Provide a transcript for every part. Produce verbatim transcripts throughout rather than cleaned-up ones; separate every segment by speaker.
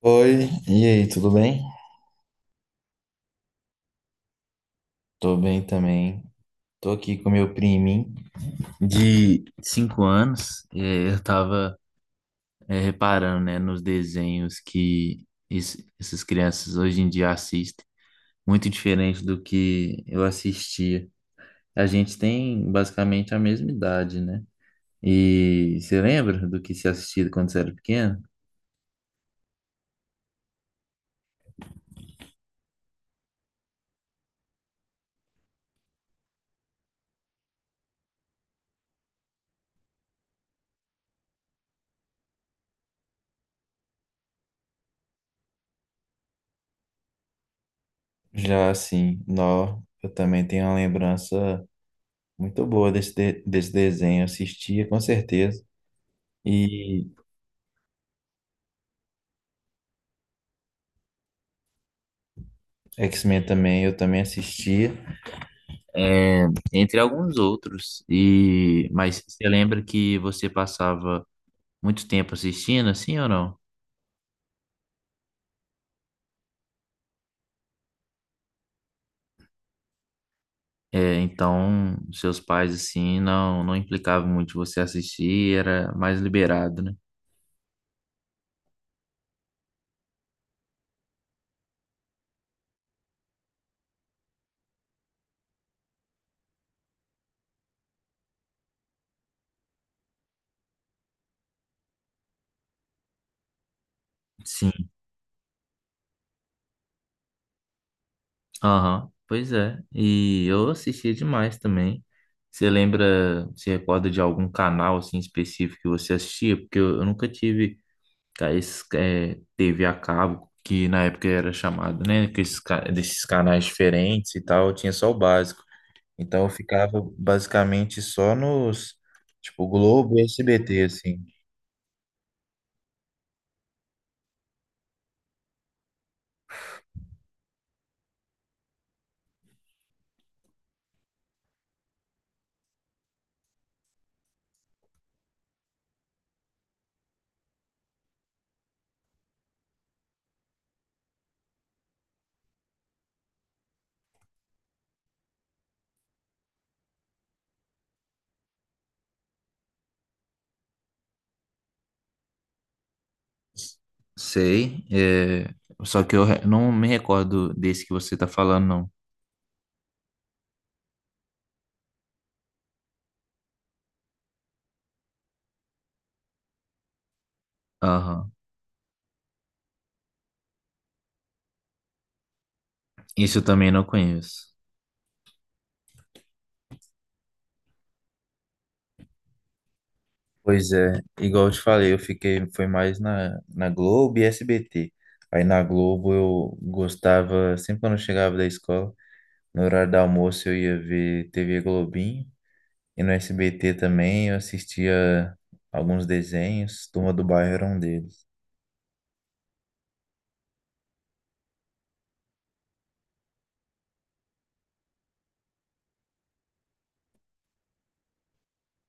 Speaker 1: Oi, e aí, tudo bem? Tô bem também. Tô aqui com meu priminho de cinco anos. É, eu tava é, reparando, né, nos desenhos que es- essas crianças hoje em dia assistem, muito diferente do que eu assistia. A gente tem basicamente a mesma idade, né? E você lembra do que se assistia quando você era pequeno? Já assim, nó, eu também tenho uma lembrança muito boa desse, de- desse desenho. Eu assistia com certeza. E X-Men também, eu também assistia, é, entre alguns outros. E mas você lembra que você passava muito tempo assistindo, assim ou não? É, então seus pais assim não não implicavam muito você assistir, era mais liberado, né? Sim. Aham. Pois é. E eu assistia demais também. Você lembra, se recorda de algum canal assim específico que você assistia? Porque eu eu nunca tive. Cara, esse, é, T V a cabo, que na época era chamado, né? Que esses, ca- desses canais diferentes e tal, tinha só o básico. Então eu ficava basicamente só nos, tipo, Globo e S B T, assim. Sei, é, só que eu re- não me recordo desse que você tá falando, não. Aham. Isso eu também não conheço. Pois é, igual eu te falei, eu fiquei, foi mais na, na Globo e S B T. Aí na Globo eu gostava, sempre quando eu chegava da escola, no horário do almoço eu ia ver T V Globinho, e no S B T também eu assistia alguns desenhos, Turma do Bairro era um deles.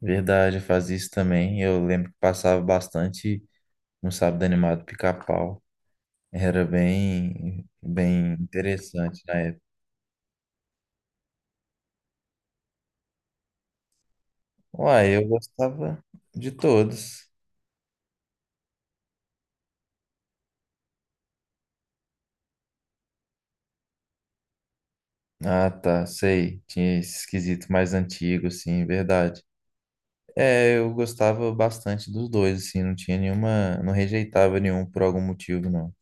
Speaker 1: Verdade, eu fazia isso também. Eu lembro que passava bastante no Sábado Animado Pica-Pau. Era bem, bem interessante na época. Uai, eu gostava de todos. Ah, tá, sei. Tinha esse esquisito mais antigo, sim, verdade. É, eu gostava bastante dos dois, assim, não tinha nenhuma, não rejeitava nenhum por algum motivo, não.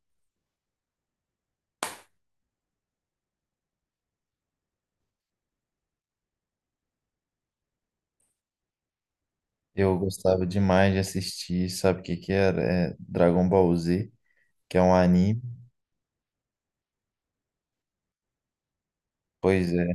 Speaker 1: Eu gostava demais de assistir, sabe o que que era? É Dragon Ball Z, que é um anime. Pois é,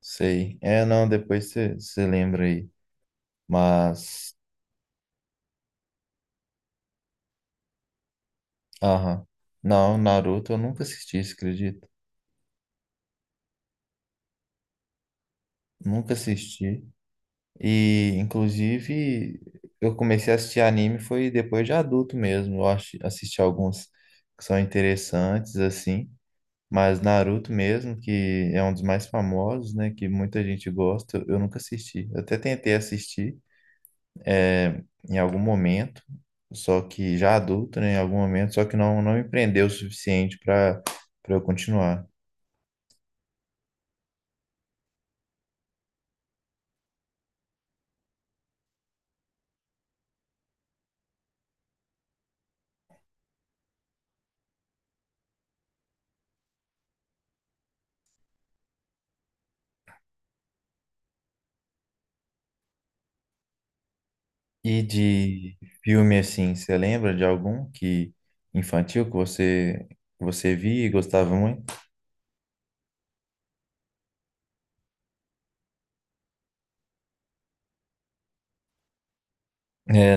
Speaker 1: sei. É, não, depois você lembra aí. Mas, aham. Não, Naruto eu nunca assisti, você acredita? Nunca assisti. E, inclusive, eu comecei a assistir anime foi depois de adulto mesmo. Eu acho- assisti alguns que são interessantes, assim. Mas Naruto mesmo, que é um dos mais famosos, né? Que muita gente gosta, eu nunca assisti. Eu até tentei assistir eh, em algum momento, só que já adulto, né? Em algum momento, só que não, não me prendeu o suficiente para para eu continuar. E de filme assim, você lembra de algum que infantil que você que você via e gostava muito? É,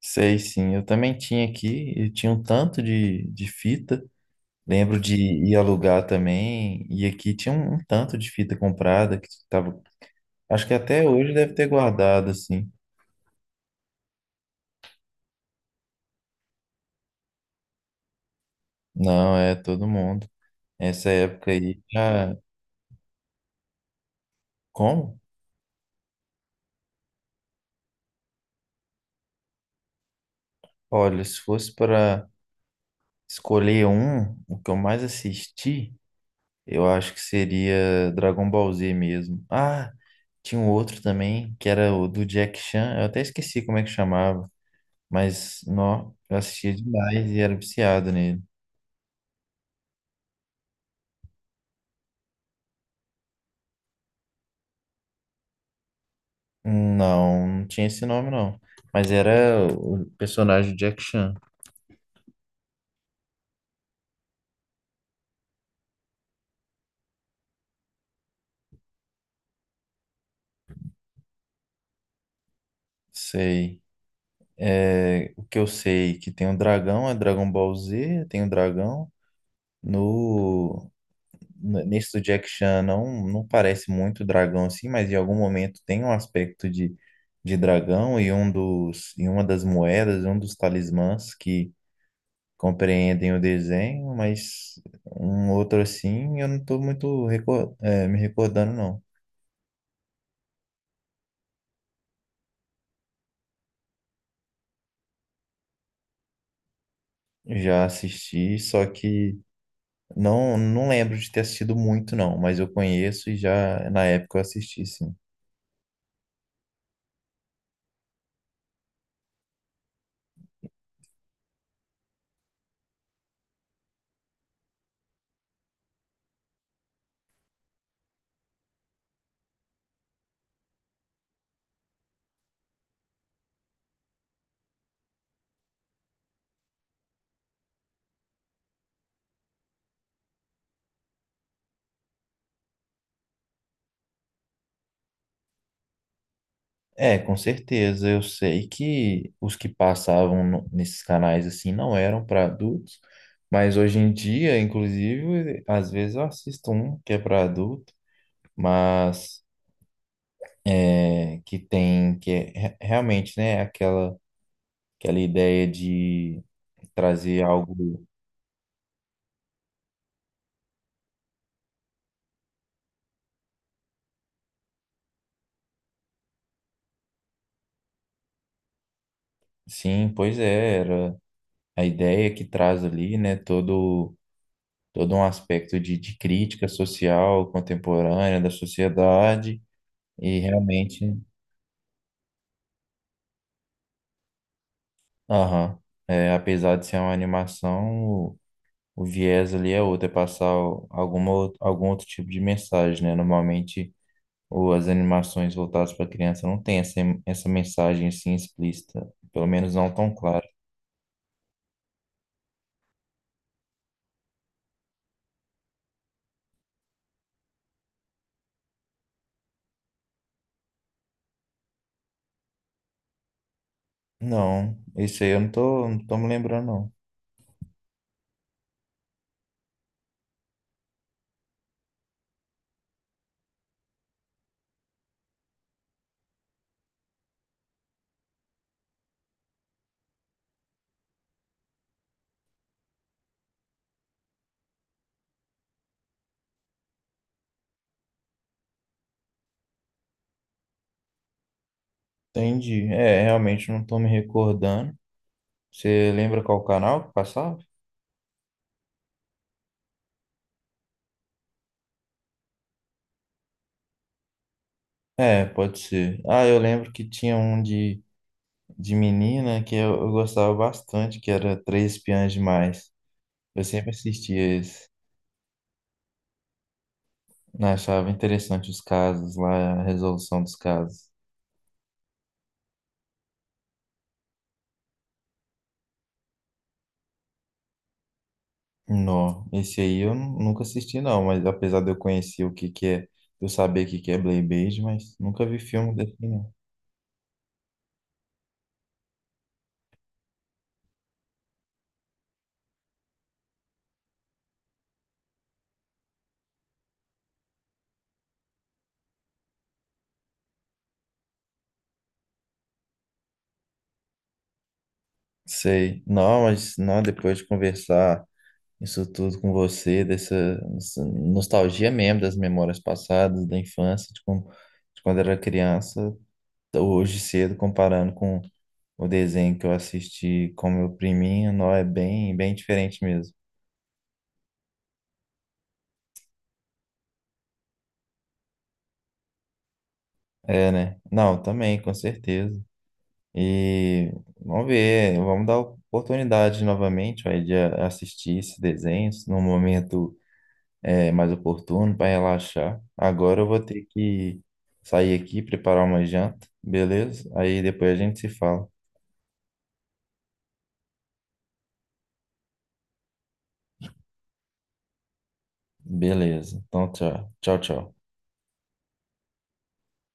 Speaker 1: sei sim, eu também tinha aqui, e tinha um tanto de, de fita. Lembro de ir alugar também, e aqui tinha um, um tanto de fita comprada que tava, acho que até hoje deve ter guardado, assim. Não, é todo mundo. Essa época aí, já... Como? Olha, se fosse para escolher um, o que eu mais assisti, eu acho que seria Dragon Ball Z mesmo. Ah, tinha um outro também, que era o do Jack Chan, eu até esqueci como é que chamava, mas nó, eu assistia demais e era viciado nele. Não, não tinha esse nome, não. Mas era o personagem Jack Chan. Sei. É, o que eu sei é que tem um dragão, é Dragon Ball Z, tem um dragão. No, n- nesse do Jack Chan não, não parece muito dragão assim, mas em algum momento tem um aspecto de, de dragão e um dos, e uma das moedas, um dos talismãs que compreendem o desenho, mas um outro assim eu não estou muito recor- é, me recordando, não. Já assisti, só que não, não lembro de ter assistido muito, não, mas eu conheço e já na época eu assisti, sim. É, com certeza. Eu sei que os que passavam no- nesses canais assim não eram para adultos, mas hoje em dia, inclusive, às vezes eu assisto um que é para adulto, mas é, que tem que é, re- realmente, né, aquela aquela ideia de trazer algo. Sim, pois é, era a ideia que traz ali, né, todo, todo um aspecto de, de crítica social contemporânea da sociedade e realmente, aham, é, apesar de ser uma animação, o, o viés ali é outro, é passar o- alguma, ou- algum outro tipo de mensagem, né? Normalmente ou as animações voltadas para criança não tem essa, essa mensagem assim explícita, pelo menos não tão clara. Não, isso aí eu não tô, não tô me lembrando, não. Entendi. É, realmente não tô me recordando. Você lembra qual canal que passava? É, pode ser. Ah, eu lembro que tinha um de, de menina que eu, eu gostava bastante, que era Três Espiãs Demais. Eu sempre assistia esse. Né, achava interessante os casos lá, a resolução dos casos. Não, esse aí eu nu- nunca assisti não, mas apesar de eu conhecer o que que é, eu saber o que que é Blade Blade, mas nunca vi filme desse não. Sei. Não, mas não, depois de conversar isso tudo com você, dessa, dessa nostalgia mesmo das memórias passadas, da infância, de, como, de quando era criança, hoje cedo, comparando com o desenho que eu assisti com meu priminho, não é bem, bem diferente mesmo. É, né? Não, também, com certeza. E vamos ver, vamos dar oportunidade novamente, vai, de a- assistir esse desenho num momento é mais oportuno para relaxar. Agora eu vou ter que sair aqui, preparar uma janta, beleza? Aí depois a gente se fala. Beleza. Então, tchau. Tchau, tchau.